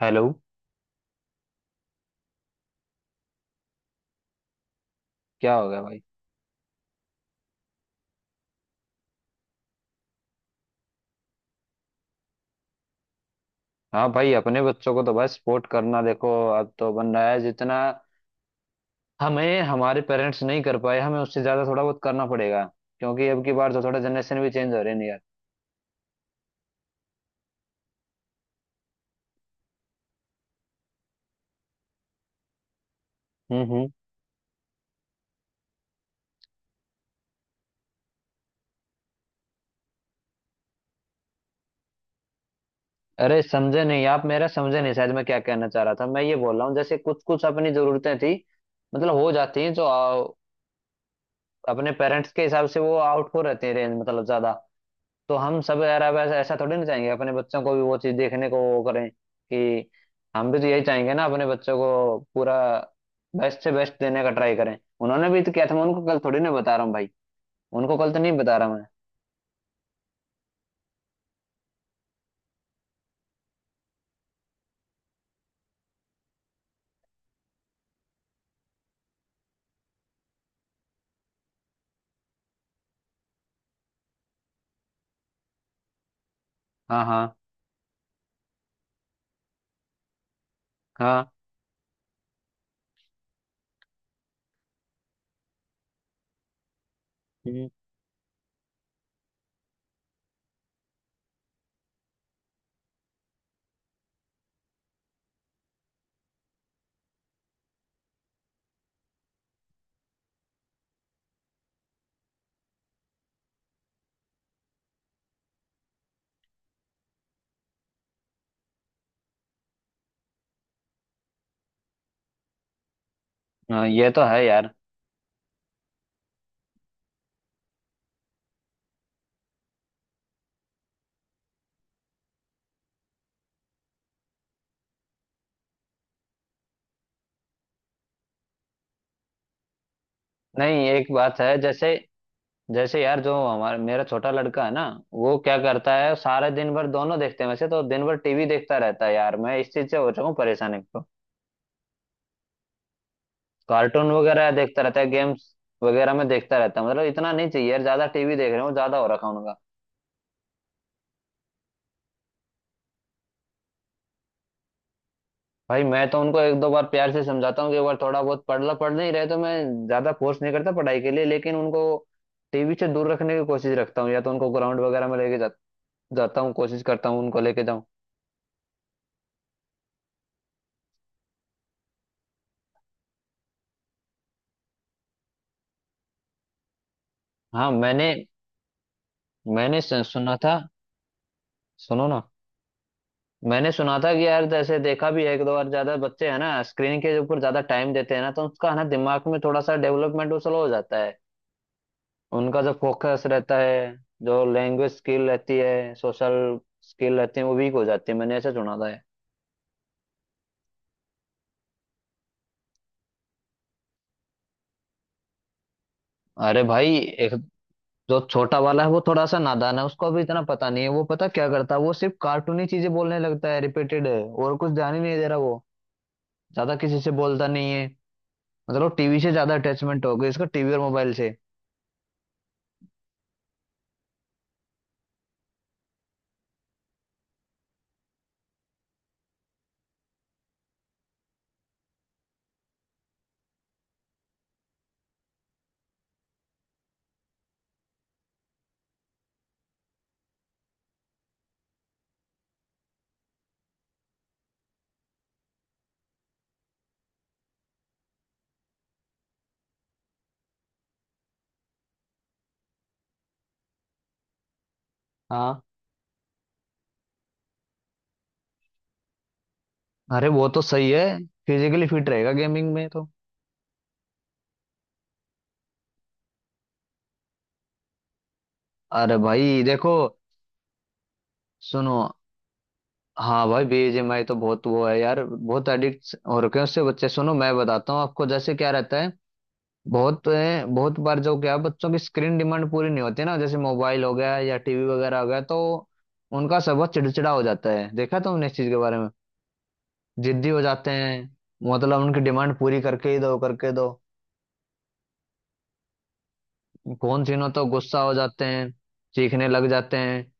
Hello. क्या हो गया भाई? हाँ भाई, अपने बच्चों को तो भाई सपोर्ट करना, देखो। अब तो बन रहा है जितना। हमें हमारे पेरेंट्स नहीं कर पाए, हमें उससे ज्यादा थोड़ा बहुत करना पड़ेगा। क्योंकि अब की बार तो थोड़ा जनरेशन भी चेंज हो रही है ना यार। हम्म। हम्म। अरे, समझे नहीं आप, मेरा समझे नहीं शायद। मैं क्या कहना चाह रहा था, मैं ये बोल रहा हूँ, जैसे कुछ कुछ अपनी जरूरतें थी, मतलब हो जाती हैं जो अपने पेरेंट्स के हिसाब से वो आउट हो रहते हैं रेंज, मतलब ज्यादा। तो हम सब यार अब ऐसा ऐसा थोड़ी ना चाहेंगे अपने बच्चों को भी वो चीज देखने को, वो करें कि हम भी तो यही चाहेंगे ना अपने बच्चों को पूरा बेस्ट से बेस्ट देने का ट्राई करें। उन्होंने भी तो किया था, मैं उनको कल थोड़ी ना बता रहा हूँ भाई। उनको कल तो नहीं बता रहा मैं। हाँ, हाँ। हाँ। हम्म। हाँ, ये तो है यार। नहीं, एक बात है, जैसे जैसे यार, जो हमारा मेरा छोटा लड़का है ना, वो क्या करता है सारे दिन भर, दोनों देखते हैं वैसे तो। दिन भर टीवी देखता रहता है यार, मैं इस चीज से हो चुका हूँ परेशान। कार्टून वगैरह देखता रहता है, गेम्स वगैरह में देखता रहता है, मतलब इतना नहीं चाहिए यार। ज्यादा टीवी देख रहे हो, ज्यादा हो रखा है उनका। भाई, मैं तो उनको एक दो बार प्यार से समझाता हूँ कि एक बार थोड़ा बहुत पढ़ लो। पढ़ नहीं रहे तो मैं ज्यादा फोर्स नहीं करता पढ़ाई के लिए, लेकिन उनको टीवी से दूर रखने की कोशिश रखता हूँ। या तो उनको ग्राउंड वगैरह में लेके जाता हूँ, कोशिश करता हूँ उनको लेके जाऊँ। हाँ मैंने मैंने सुना था। सुनो ना, मैंने सुना था कि यार, जैसे देखा भी है एक दो बार, ज्यादा बच्चे है ना स्क्रीन के ऊपर ज्यादा टाइम देते हैं ना, तो उसका है ना, दिमाग में थोड़ा सा डेवलपमेंट वो स्लो हो जाता है उनका। जो फोकस रहता है, जो लैंग्वेज स्किल रहती है, सोशल स्किल रहती है, वो वीक हो जाती है। मैंने ऐसा सुना था है। अरे भाई, एक जो छोटा वाला है वो थोड़ा सा नादान है, उसको अभी इतना पता नहीं है। वो पता क्या करता है, वो सिर्फ कार्टूनी चीजें बोलने लगता है रिपीटेड, है और कुछ ध्यान ही नहीं दे रहा वो। ज्यादा किसी से बोलता नहीं है। मतलब टीवी से ज्यादा अटैचमेंट हो गई इसका, टीवी और मोबाइल से। हाँ। अरे, वो तो सही है, फिजिकली फिट रहेगा गेमिंग में तो। अरे भाई देखो, सुनो। हाँ भाई, बीजीएमआई तो बहुत वो है यार, बहुत एडिक्ट हो रखे हैं उससे बच्चे। सुनो मैं बताता हूँ आपको, जैसे क्या रहता है, बहुत बार जो क्या है, बच्चों की स्क्रीन डिमांड पूरी नहीं होती ना, जैसे मोबाइल हो गया या टीवी वगैरह हो गया, तो उनका स्वभाव चिड़चिड़ा हो जाता है। देखा तुमने इस चीज के बारे में? जिद्दी हो जाते हैं, मतलब उनकी डिमांड पूरी करके ही दो, करके दो। फोन छीनो तो गुस्सा हो जाते हैं, चीखने लग जाते हैं।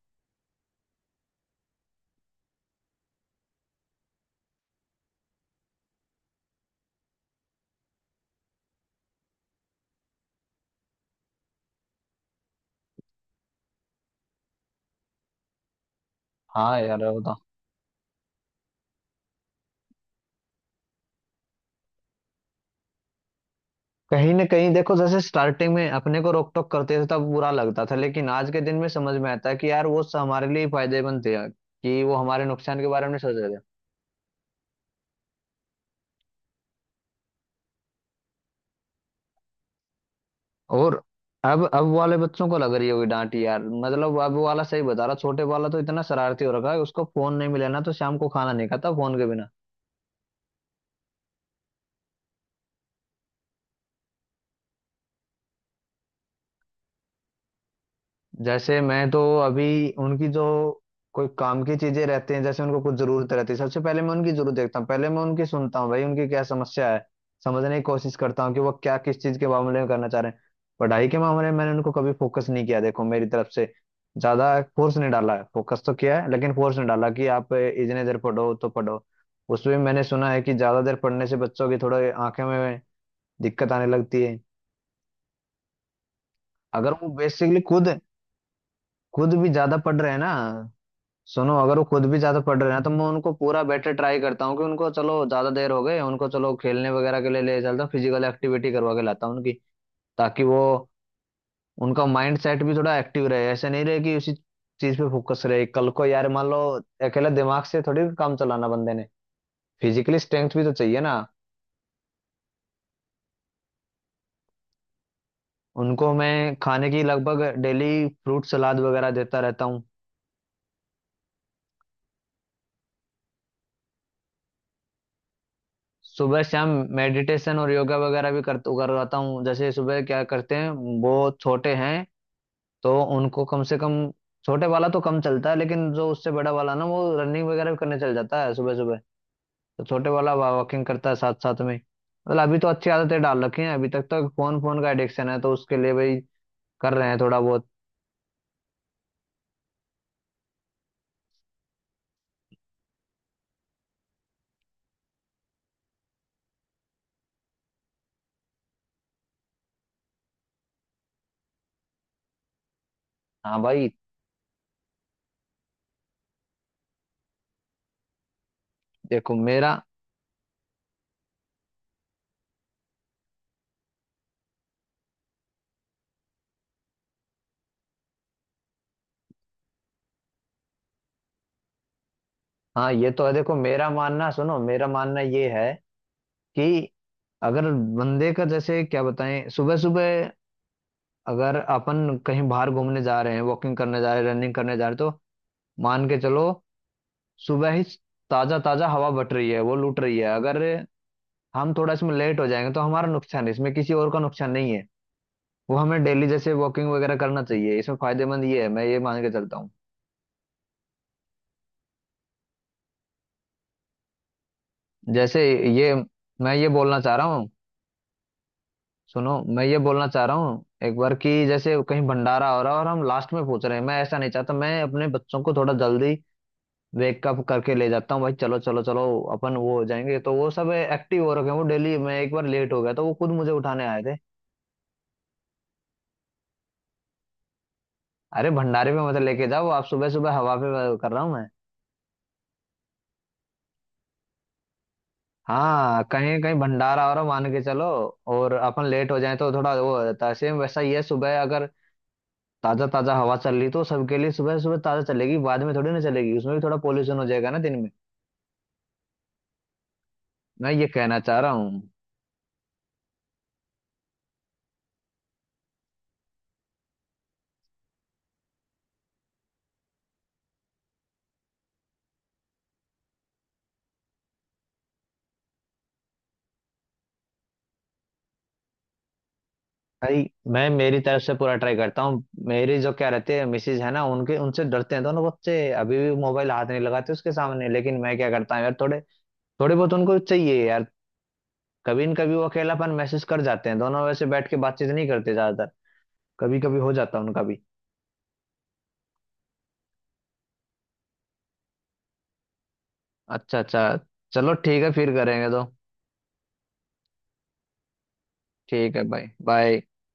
हाँ यार, वो तो। कहीं ना कहीं देखो, जैसे स्टार्टिंग में अपने को रोक टोक करते थे तब बुरा लगता था, लेकिन आज के दिन में समझ में आता है कि यार वो हमारे लिए ही फायदेमंद थे यार, कि वो हमारे नुकसान के बारे में नहीं सोच रहे थे। और अब वाले बच्चों को लग रही होगी डांट यार। मतलब अब वाला सही बता रहा, छोटे वाला तो इतना शरारती हो रखा है, उसको फोन नहीं मिला ना तो शाम को खाना नहीं खाता फोन के बिना। जैसे मैं तो अभी, उनकी जो कोई काम की चीजें रहती हैं, जैसे उनको कुछ जरूरत रहती है, सबसे पहले मैं उनकी जरूरत देखता हूँ। पहले मैं उनकी सुनता हूँ भाई, उनकी क्या समस्या है, समझने की कोशिश करता हूँ कि वो क्या, किस चीज के मामले में करना चाह रहे हैं। पढ़ाई के मामले में मैंने उनको कभी फोकस नहीं किया, देखो मेरी तरफ से ज्यादा फोर्स नहीं डाला है। फोकस तो किया है, लेकिन फोर्स नहीं डाला कि आप इतने देर पढ़ो तो पढ़ो। उसमें मैंने सुना है कि ज्यादा देर पढ़ने से बच्चों की थोड़े आंखें में दिक्कत आने लगती है। अगर वो बेसिकली खुद खुद भी ज्यादा पढ़ रहे हैं ना। सुनो, अगर वो खुद भी ज्यादा पढ़ रहे हैं तो मैं उनको पूरा बेटर ट्राई करता हूँ कि उनको, चलो ज्यादा देर हो गए उनको, चलो खेलने वगैरह के लिए ले चलता हूँ, फिजिकल एक्टिविटी करवा के लाता हूँ उनकी, ताकि वो, उनका माइंड सेट भी थोड़ा एक्टिव रहे, ऐसे नहीं रहे कि उसी चीज पे फोकस रहे। कल को यार मान लो, अकेला दिमाग से थोड़ी काम चलाना बंदे ने, फिजिकली स्ट्रेंथ भी तो चाहिए ना। उनको मैं खाने की लगभग डेली फ्रूट सलाद वगैरह देता रहता हूँ। सुबह शाम मेडिटेशन और योगा वगैरह भी कर करवाता हूँ। जैसे सुबह क्या करते हैं, वो छोटे हैं तो उनको कम से कम, छोटे वाला तो कम चलता है, लेकिन जो उससे बड़ा वाला ना वो रनिंग वगैरह भी करने चल जाता है सुबह सुबह। तो छोटे वाला वॉकिंग करता है साथ साथ में। मतलब अभी तो अच्छी आदतें डाल रखी हैं, अभी तक। तो फोन फोन का एडिक्शन है, तो उसके लिए भाई कर रहे हैं थोड़ा बहुत। हाँ भाई, देखो मेरा। हाँ, ये तो है। देखो मेरा मानना, सुनो, मेरा मानना ये है कि, अगर बंदे का, जैसे क्या बताएं, सुबह सुबह अगर अपन कहीं बाहर घूमने जा रहे हैं, वॉकिंग करने जा रहे हैं, रनिंग करने जा रहे हैं, तो मान के चलो, सुबह ही ताजा ताजा हवा बट रही है, वो लूट रही है। अगर हम थोड़ा इसमें लेट हो जाएंगे तो हमारा नुकसान है, इसमें किसी और का नुकसान नहीं है। वो हमें डेली जैसे वॉकिंग वगैरह करना चाहिए, इसमें फायदेमंद ये है, मैं ये मान के चलता हूँ। जैसे ये, मैं ये बोलना चाह रहा हूँ। सुनो, मैं ये बोलना चाह रहा हूँ एक बार, कि जैसे कहीं भंडारा हो रहा है और हम लास्ट में पहुंच रहे हैं, मैं ऐसा नहीं चाहता। मैं अपने बच्चों को थोड़ा जल्दी वेकअप करके ले जाता हूँ भाई, चलो चलो चलो, अपन वो हो जाएंगे। तो वो सब एक्टिव हो रखे हैं वो डेली, मैं एक बार लेट हो गया तो वो खुद मुझे उठाने आए थे। अरे, भंडारे पे मत लेके जाओ आप, सुबह सुबह हवा पे कर रहा हूँ मैं। हाँ, कहीं कहीं भंडारा हो रहा मान के चलो, और अपन लेट हो जाए तो थोड़ा वो हो जाता है, सेम वैसा ही है। सुबह अगर ताजा ताजा हवा चल रही तो सबके लिए, सुबह सुबह ताजा चलेगी, बाद में थोड़ी ना चलेगी, उसमें भी थोड़ा पोल्यूशन हो जाएगा ना दिन में। मैं ये कहना चाह रहा हूँ भाई। मैं मेरी तरफ से पूरा ट्राई करता हूँ, मेरी जो क्या रहती है मिसेज है ना, उनके, उनसे डरते हैं दोनों बच्चे। अभी भी मोबाइल हाथ नहीं लगाते उसके सामने। लेकिन मैं क्या करता हूँ यार, थोड़े थोड़े बहुत उनको चाहिए यार, कभी न कभी वो अकेलापन महसूस कर जाते हैं। दोनों वैसे बैठ के बातचीत नहीं करते ज्यादातर, कभी कभी हो जाता है उनका भी। अच्छा अच्छा। चलो ठीक है, फिर करेंगे तो। ठीक है भाई, बाय।